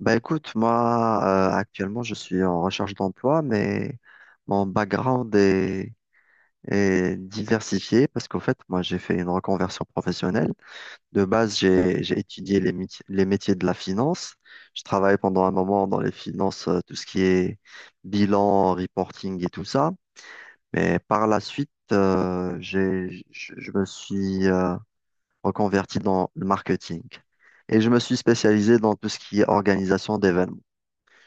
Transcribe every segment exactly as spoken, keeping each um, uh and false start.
Bah écoute, moi euh, actuellement je suis en recherche d'emploi, mais mon background est, est diversifié parce qu'au fait moi j'ai fait une reconversion professionnelle. De base j'ai j'ai étudié les, méti- les métiers de la finance. Je travaillais pendant un moment dans les finances, euh, tout ce qui est bilan, reporting et tout ça. Mais par la suite euh, j'ai je, je me suis euh, reconverti dans le marketing et je me suis spécialisé dans tout ce qui est organisation d'événements.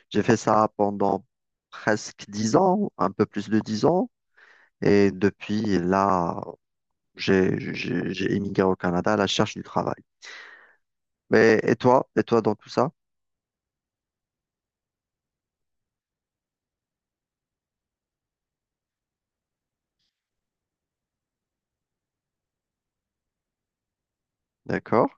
J'ai fait ça pendant presque dix ans, un peu plus de dix ans. Et depuis là, j'ai j'ai- j'ai émigré au Canada à la recherche du travail. Mais et toi? Et toi dans tout ça? D'accord?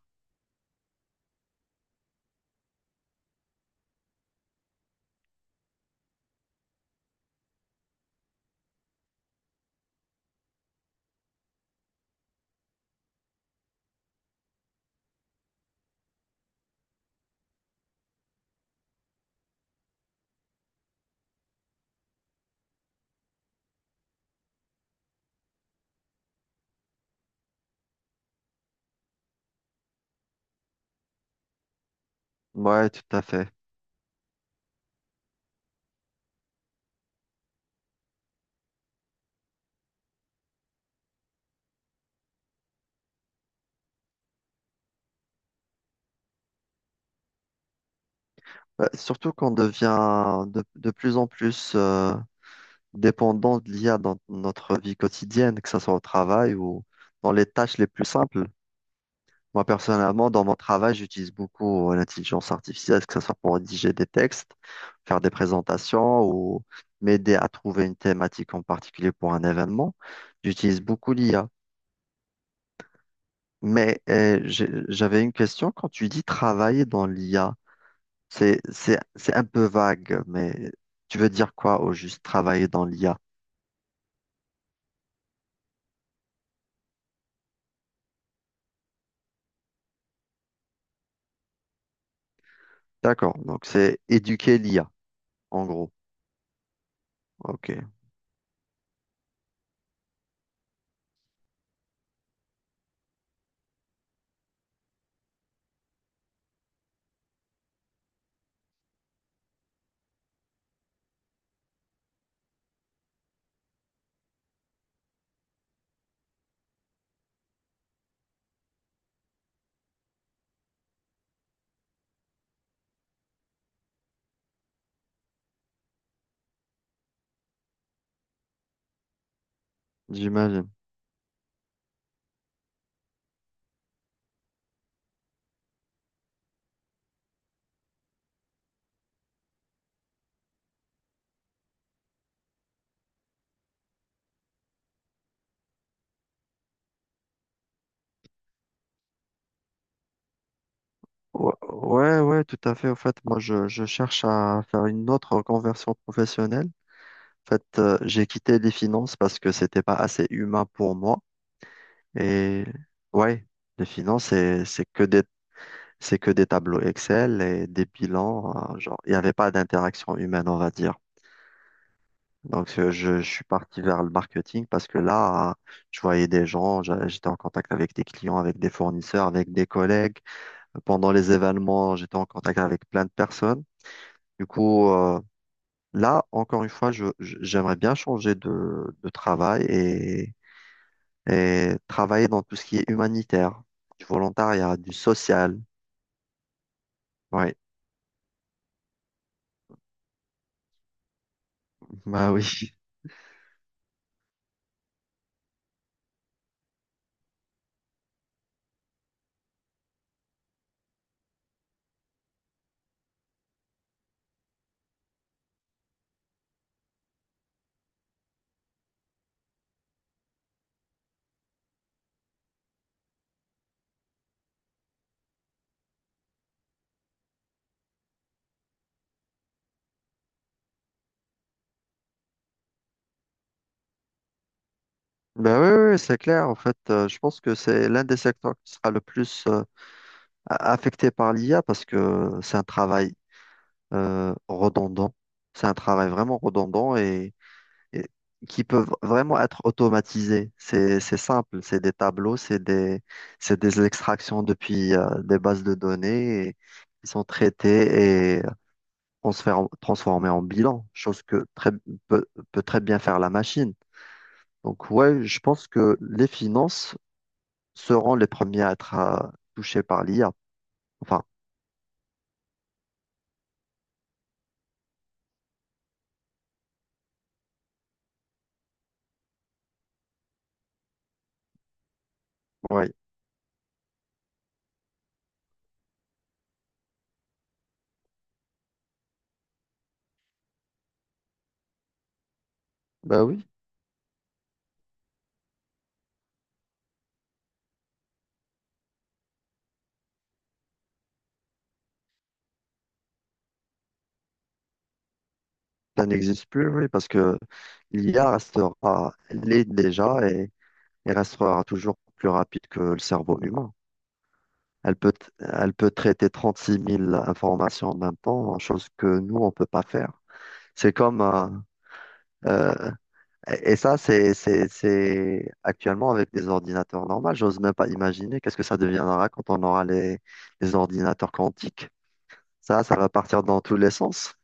Ouais, tout à fait. Bah, surtout qu'on devient de, de plus en plus euh, dépendant de l'I A dans notre vie quotidienne, que ce soit au travail ou dans les tâches les plus simples. Moi, personnellement, dans mon travail, j'utilise beaucoup euh, l'intelligence artificielle, que ce soit pour rédiger des textes, faire des présentations ou m'aider à trouver une thématique en particulier pour un événement. J'utilise beaucoup l'I A. Mais euh, j'ai- j'avais une question. Quand tu dis travailler dans l'I A, c'est, c'est, c'est un peu vague, mais tu veux dire quoi au juste travailler dans l'I A? D'accord. Donc, c'est éduquer l'I A, en gros. OK. J'imagine. Ouais, ouais, ouais, tout à fait. En fait, moi, je, je cherche à faire une autre conversion professionnelle. En fait, euh, j'ai quitté les finances parce que c'était pas assez humain pour moi. Et ouais, les finances, c'est, c'est que des, c'est que des tableaux Excel et des bilans, hein, genre, il n'y avait pas d'interaction humaine, on va dire. Donc, euh, je, je suis parti vers le marketing parce que là, euh, je voyais des gens, j'a- j'étais en contact avec des clients, avec des fournisseurs, avec des collègues. Pendant les événements, j'étais en contact avec plein de personnes. Du coup, euh, là, encore une fois, je, je- j'aimerais bien changer de, de travail et, et travailler dans tout ce qui est humanitaire, du volontariat, du social. Oui. Bah oui. Bah oui, oui, c'est clair. En fait, euh, je pense que c'est l'un des secteurs qui sera le plus euh, a- affecté par l'I A parce que c'est un travail euh, redondant. C'est un travail vraiment redondant et et- qui peuvent vraiment être automatisés. C'est, c'est simple, c'est des tableaux, c'est des, c'est des extractions depuis euh, des bases de données et qui sont traitées et transfér- transformées en bilan, chose que très, peut, peut très bien faire la machine. Donc ouais, je pense que les finances seront les premiers à être euh, touchés par l'I A. Enfin, ouais, bah oui, ça n'existe plus, oui, parce que l'I A restera, l'est déjà il restera toujours plus rapide que le cerveau humain. Elle peut, elle peut traiter trente-six mille informations en même temps, chose que nous, on ne peut pas faire. C'est comme... euh, euh, et et ça, c'est, c'est, c'est actuellement avec des ordinateurs normaux. J'ose même pas imaginer qu'est-ce que ça deviendra quand on aura les, les ordinateurs quantiques. Ça, ça va partir dans tous les sens.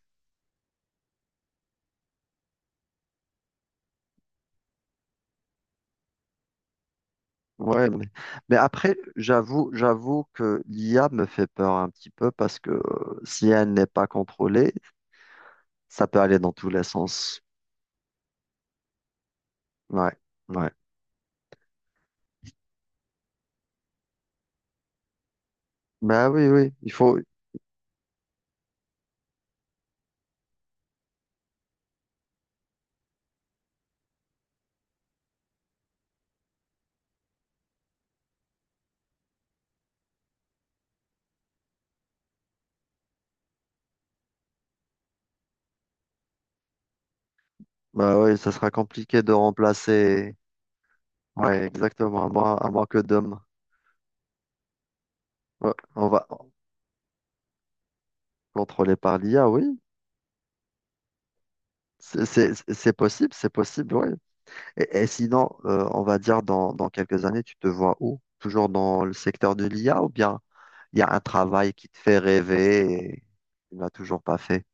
Ouais, mais, mais après, j'avoue, j'avoue que l'I A me fait peur un petit peu parce que euh, si elle n'est pas contrôlée, ça peut aller dans tous les sens. Ouais, ouais. Bah oui, oui, il faut. Bah oui, ça sera compliqué de remplacer. Ouais, exactement. À moins, à moins que Dom. Ouais, on va contrôler par l'I A, oui. C'est c'est- c'est possible, c'est possible, oui. Et, et sinon, euh, on va dire dans, dans quelques années, tu te vois où? Toujours dans le secteur de l'I A, ou bien il y a un travail qui te fait rêver et tu ne l'as toujours pas fait.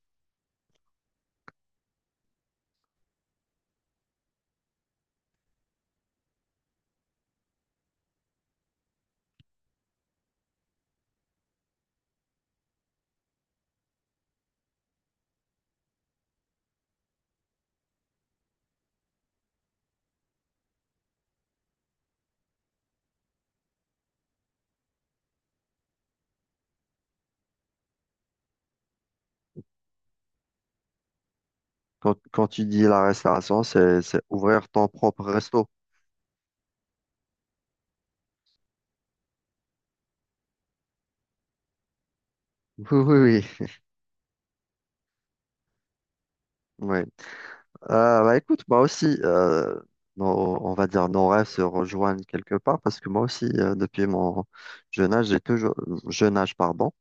Quand, quand tu dis la restauration, c'est, c'est ouvrir ton propre resto. Oui, oui, oui. Oui. Euh, bah écoute, moi aussi, euh, nos- on va dire nos rêves se rejoignent quelque part parce que moi aussi, euh, depuis mon jeune âge, j'ai toujours, jeune âge, pardon,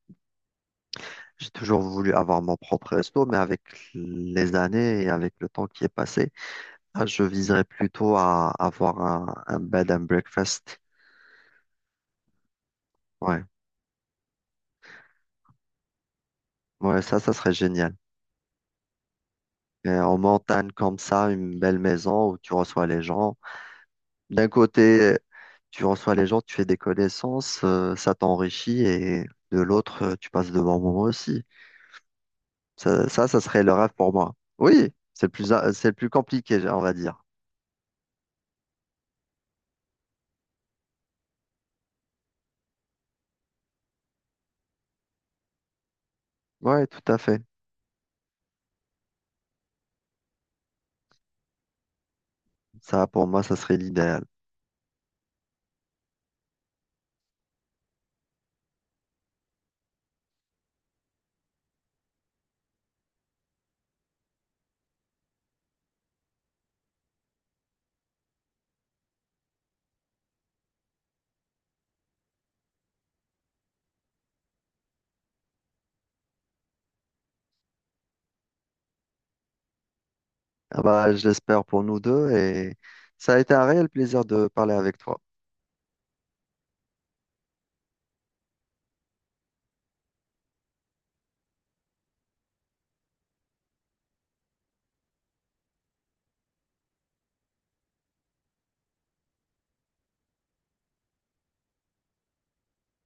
j'ai toujours voulu avoir mon propre resto, mais avec les années et avec le temps qui est passé, là, je viserais plutôt à avoir un, un bed and breakfast. Ouais, ouais, ça, ça serait génial. Et en montagne comme ça, une belle maison où tu reçois les gens. D'un côté, tu reçois les gens, tu fais des connaissances, euh, ça t'enrichit, et de l'autre, euh, tu passes de bons moments aussi. Ça, ça, ça serait le rêve pour moi. Oui, c'est le plus, c'est le plus compliqué, on va dire. Ouais, tout à fait. Ça, pour moi, ça serait l'idéal. Ah bah, je l'espère pour nous deux et ça a été un réel plaisir de parler avec toi.